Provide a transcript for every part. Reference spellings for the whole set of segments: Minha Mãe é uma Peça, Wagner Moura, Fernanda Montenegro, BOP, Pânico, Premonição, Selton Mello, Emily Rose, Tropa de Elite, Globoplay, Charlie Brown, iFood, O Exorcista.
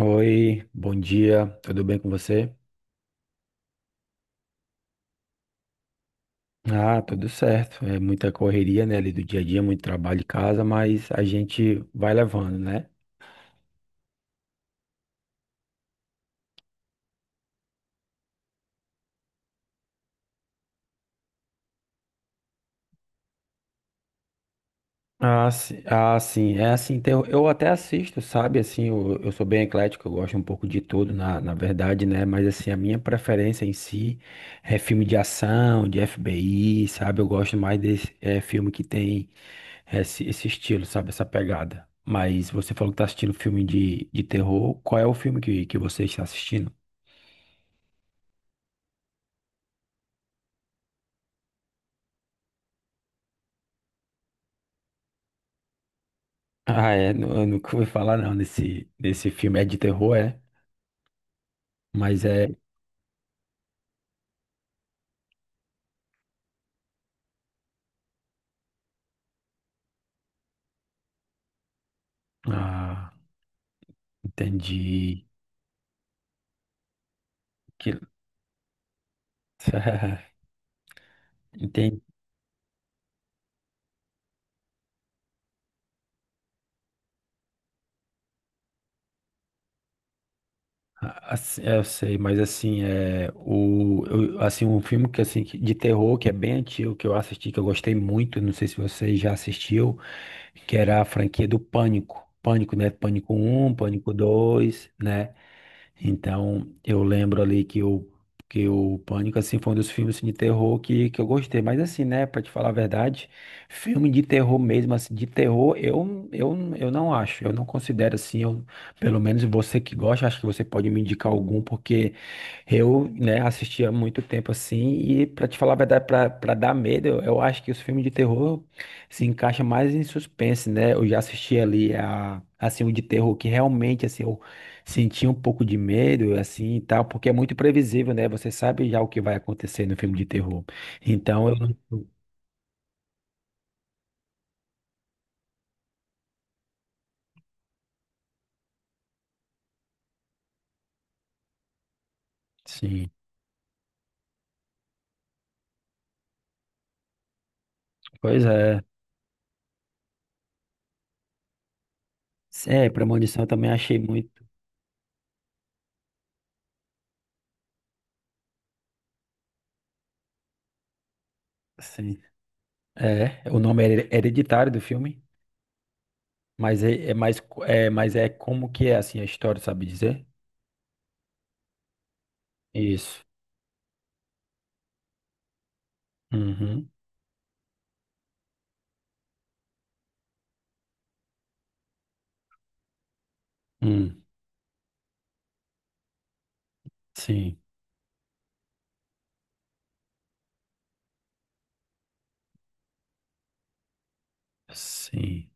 Oi, bom dia, tudo bem com você? Tudo certo. É muita correria, né, ali do dia a dia, muito trabalho em casa, mas a gente vai levando, né? Ah, sim, ah, sim. É assim, eu até assisto, sabe? Assim, eu sou bem eclético, eu gosto um pouco de tudo, na verdade, né? Mas assim, a minha preferência em si é filme de ação, de FBI, sabe? Eu gosto mais desse filme que tem. Esse esse estilo, sabe? Essa pegada. Mas você falou que tá assistindo filme de terror. Qual é o filme que você está assistindo? Ah, é. Eu nunca ouvi falar, não, nesse filme. É de terror, é? Mas é. Ah, entendi. Que... Entendi. Assim, eu sei, mas assim, assim, um filme que de terror que é bem antigo, que eu assisti, que eu gostei muito, não sei se você já assistiu, que era a franquia do Pânico. Pânico, né? Pânico um, Pânico 2 né? Então, eu lembro ali que o Pânico, assim, foi um dos filmes assim, de terror que eu gostei. Mas assim, né, pra te falar a verdade, filme de terror mesmo, assim, de terror, eu não acho. Eu não considero assim, eu, pelo menos você que gosta, acho que você pode me indicar algum, porque eu, né, assisti há muito tempo assim, e pra te falar a verdade, pra dar medo, eu acho que os filmes de terror se encaixam mais em suspense, né? Eu já assisti ali a, assim, um de terror que realmente, assim, eu senti um pouco de medo, assim, e tal, porque é muito previsível, né? Você sabe já o que vai acontecer no filme de terror. Então, eu não... Sim, pois é. É, Premonição eu também achei muito, assim, é, o nome é hereditário do filme. Mas é, mas é como que é assim a história, sabe dizer? Isso. Uhum. Hum. Sim. Sim.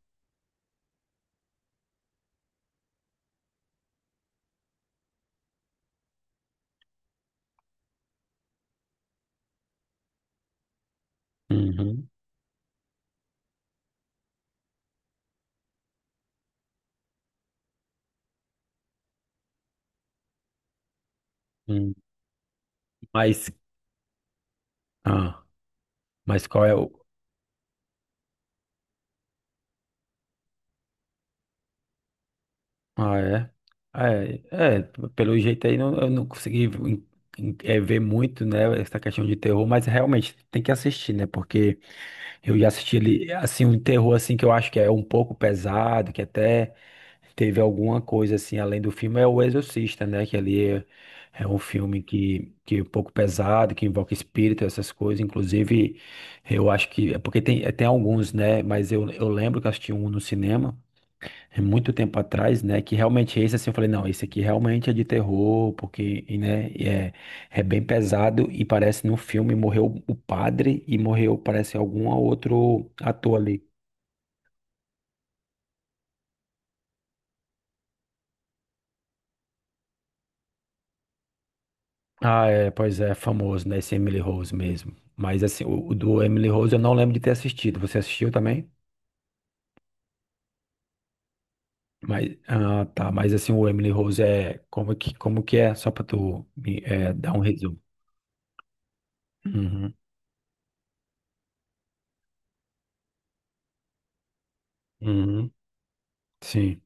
Uhum. Hum. Mas, ah, mas qual é o. Ah, é? Ah, É, é, pelo jeito aí não, eu não consegui é, ver muito, né, essa questão de terror, mas realmente tem que assistir, né? Porque eu já assisti ele, assim, um terror, assim, que eu acho que é um pouco pesado, que até teve alguma coisa, assim, além do filme, é O Exorcista, né? Que ali é, é um filme que é um pouco pesado, que invoca espírito, essas coisas. Inclusive, eu acho que, é porque tem alguns, né? Mas eu lembro que eu assisti um no cinema, é muito tempo atrás, né? Que realmente esse assim, eu falei, não, esse aqui realmente é de terror, porque, e, né, e é, é bem pesado e parece no filme morreu o padre e morreu, parece, algum outro ator ali. Ah, é, pois é, famoso, né? Esse Emily Rose mesmo. Mas assim, o do Emily Rose eu não lembro de ter assistido. Você assistiu também? Mas, ah, tá, mas assim, o Emily Rose é como que é? Só pra tu me, é, dar um resumo. Uhum, uhum, sim,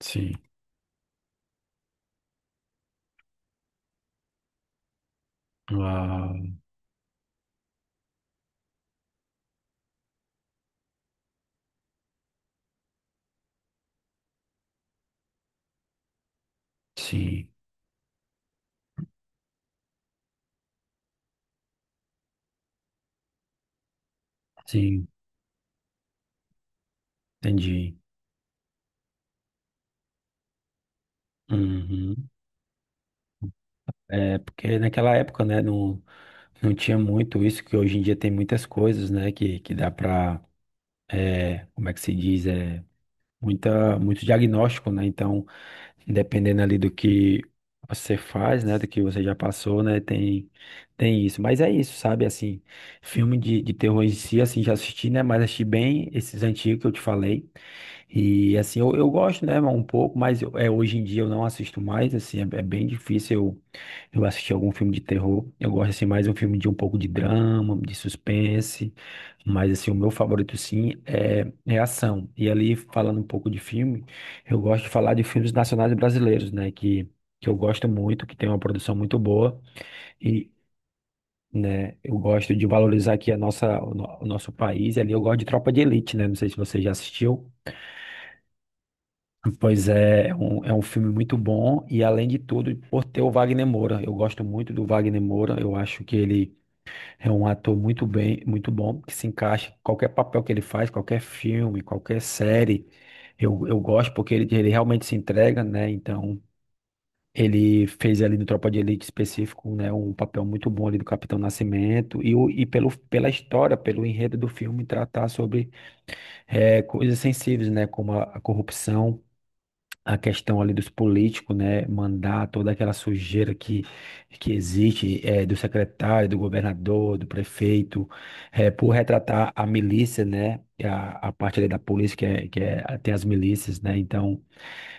sim. Ah, sim. Sim, entendi. Uhum. É, porque naquela época, né, não, não tinha muito isso, que hoje em dia tem muitas coisas, né, que dá para, como é que se diz, é, muito diagnóstico, né, então, dependendo ali do que você faz, né, do que você já passou, né, tem, tem isso. Mas é isso, sabe, assim, filme de terror em si, assim, já assisti, né, mas assisti bem esses antigos que eu te falei. E assim, eu gosto, né, um pouco, mas é, hoje em dia eu não assisto mais, assim, é, é bem difícil eu assistir algum filme de terror. Eu gosto, assim, mais um filme de um pouco de drama, de suspense, mas, assim, o meu favorito, sim, é, é ação. E ali, falando um pouco de filme, eu gosto de falar de filmes nacionais brasileiros, né, que eu gosto muito, que tem uma produção muito boa e... Né? Eu gosto de valorizar aqui a nossa, o no- o nosso país, e ali eu gosto de Tropa de Elite, né? Não sei se você já assistiu. Pois é, é um filme muito bom e além de tudo, por ter o Wagner Moura, eu gosto muito do Wagner Moura, eu acho que ele é um ator muito bem, muito bom, que se encaixa em qualquer papel que ele faz, qualquer filme, qualquer série, eu gosto porque ele realmente se entrega, né? Então, ele fez ali no Tropa de Elite específico, né, um papel muito bom ali do Capitão Nascimento e, o, pela história, pelo enredo do filme tratar sobre coisas sensíveis, né, como a corrupção, a questão ali dos políticos, né, mandar toda aquela sujeira que existe do secretário, do governador, do prefeito, por retratar a milícia, né, a parte ali da polícia tem as milícias, né, então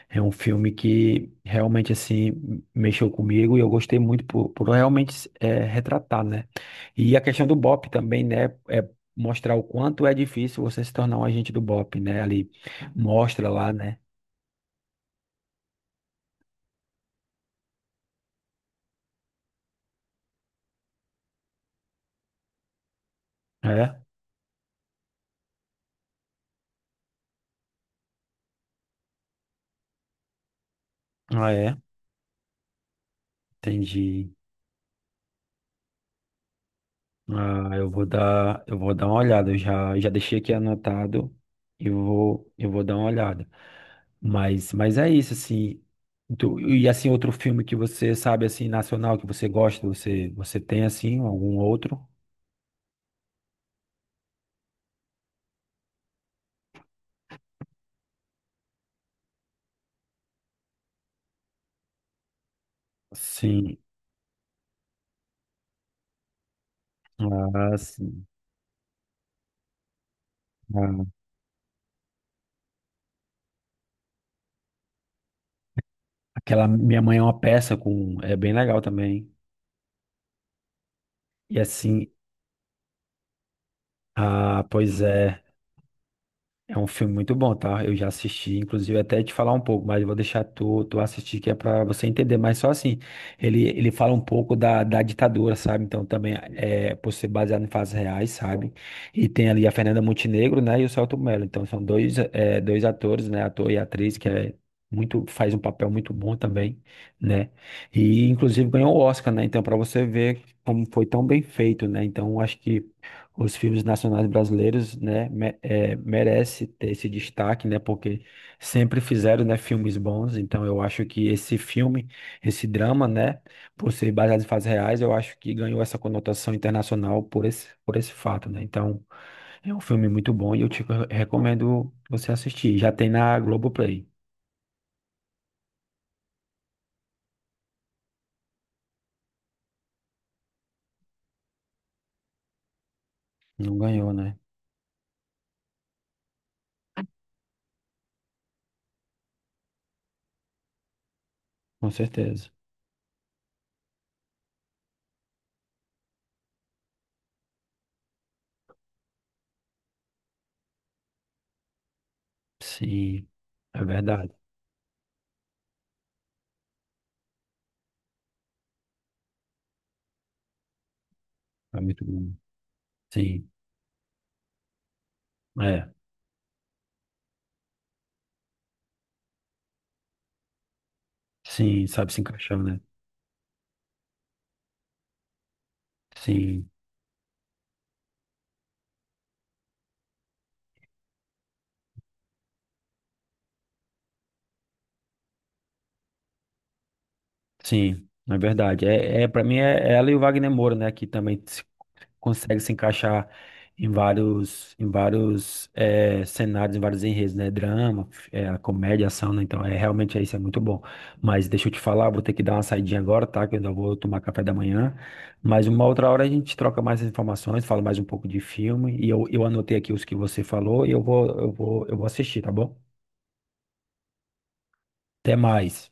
é um filme que realmente, assim, mexeu comigo e eu gostei muito por realmente retratar, né, e a questão do BOP também, né, é mostrar o quanto é difícil você se tornar um agente do BOP, né, ali mostra lá, né, é, ah, é. Entendi. Ah, eu vou dar uma olhada. Eu já, já deixei aqui anotado e vou, eu vou dar uma olhada. Mas é isso, assim. E assim, outro filme que você sabe, assim, nacional, que você gosta, você, você tem, assim, algum outro? Sim. Ah, sim. Ah, aquela Minha Mãe é uma Peça com, é bem legal também. E assim, ah, pois é. É um filme muito bom, tá? Eu já assisti, inclusive até te falar um pouco, mas eu vou deixar tu, tu assistir que é pra você entender. Mas só assim, ele fala um pouco da, da ditadura, sabe? Então também é por ser baseado em fatos reais, sabe? E tem ali a Fernanda Montenegro, né? E o Selton Mello. Então são dois, é, dois atores, né? Ator e atriz que é muito faz um papel muito bom também, né? E inclusive ganhou o Oscar, né? Então para você ver como foi tão bem feito, né? Então acho que os filmes nacionais brasileiros, né, me, é, merece ter esse destaque, né, porque sempre fizeram, né, filmes bons, então eu acho que esse filme, esse drama, né, por ser baseado em fatos reais, eu acho que ganhou essa conotação internacional por esse fato, né, então é um filme muito bom e eu te recomendo você assistir, já tem na Globoplay, não ganhou, né, com certeza, sim, é verdade, é muito bom, sim, é, sim, sabe se encaixar, né, sim. Sim, é verdade. É, é para mim é ela e o Wagner Moura, né, que também consegue se encaixar em vários eh, cenários, em vários enredos, né, drama, é, comédia, ação, né? Então é realmente é isso é muito bom. Mas deixa eu te falar, vou ter que dar uma saidinha agora, tá? Que eu ainda vou tomar café da manhã. Mas uma outra hora a gente troca mais informações, fala mais um pouco de filme e eu anotei aqui os que você falou e eu vou assistir, tá bom? Até mais.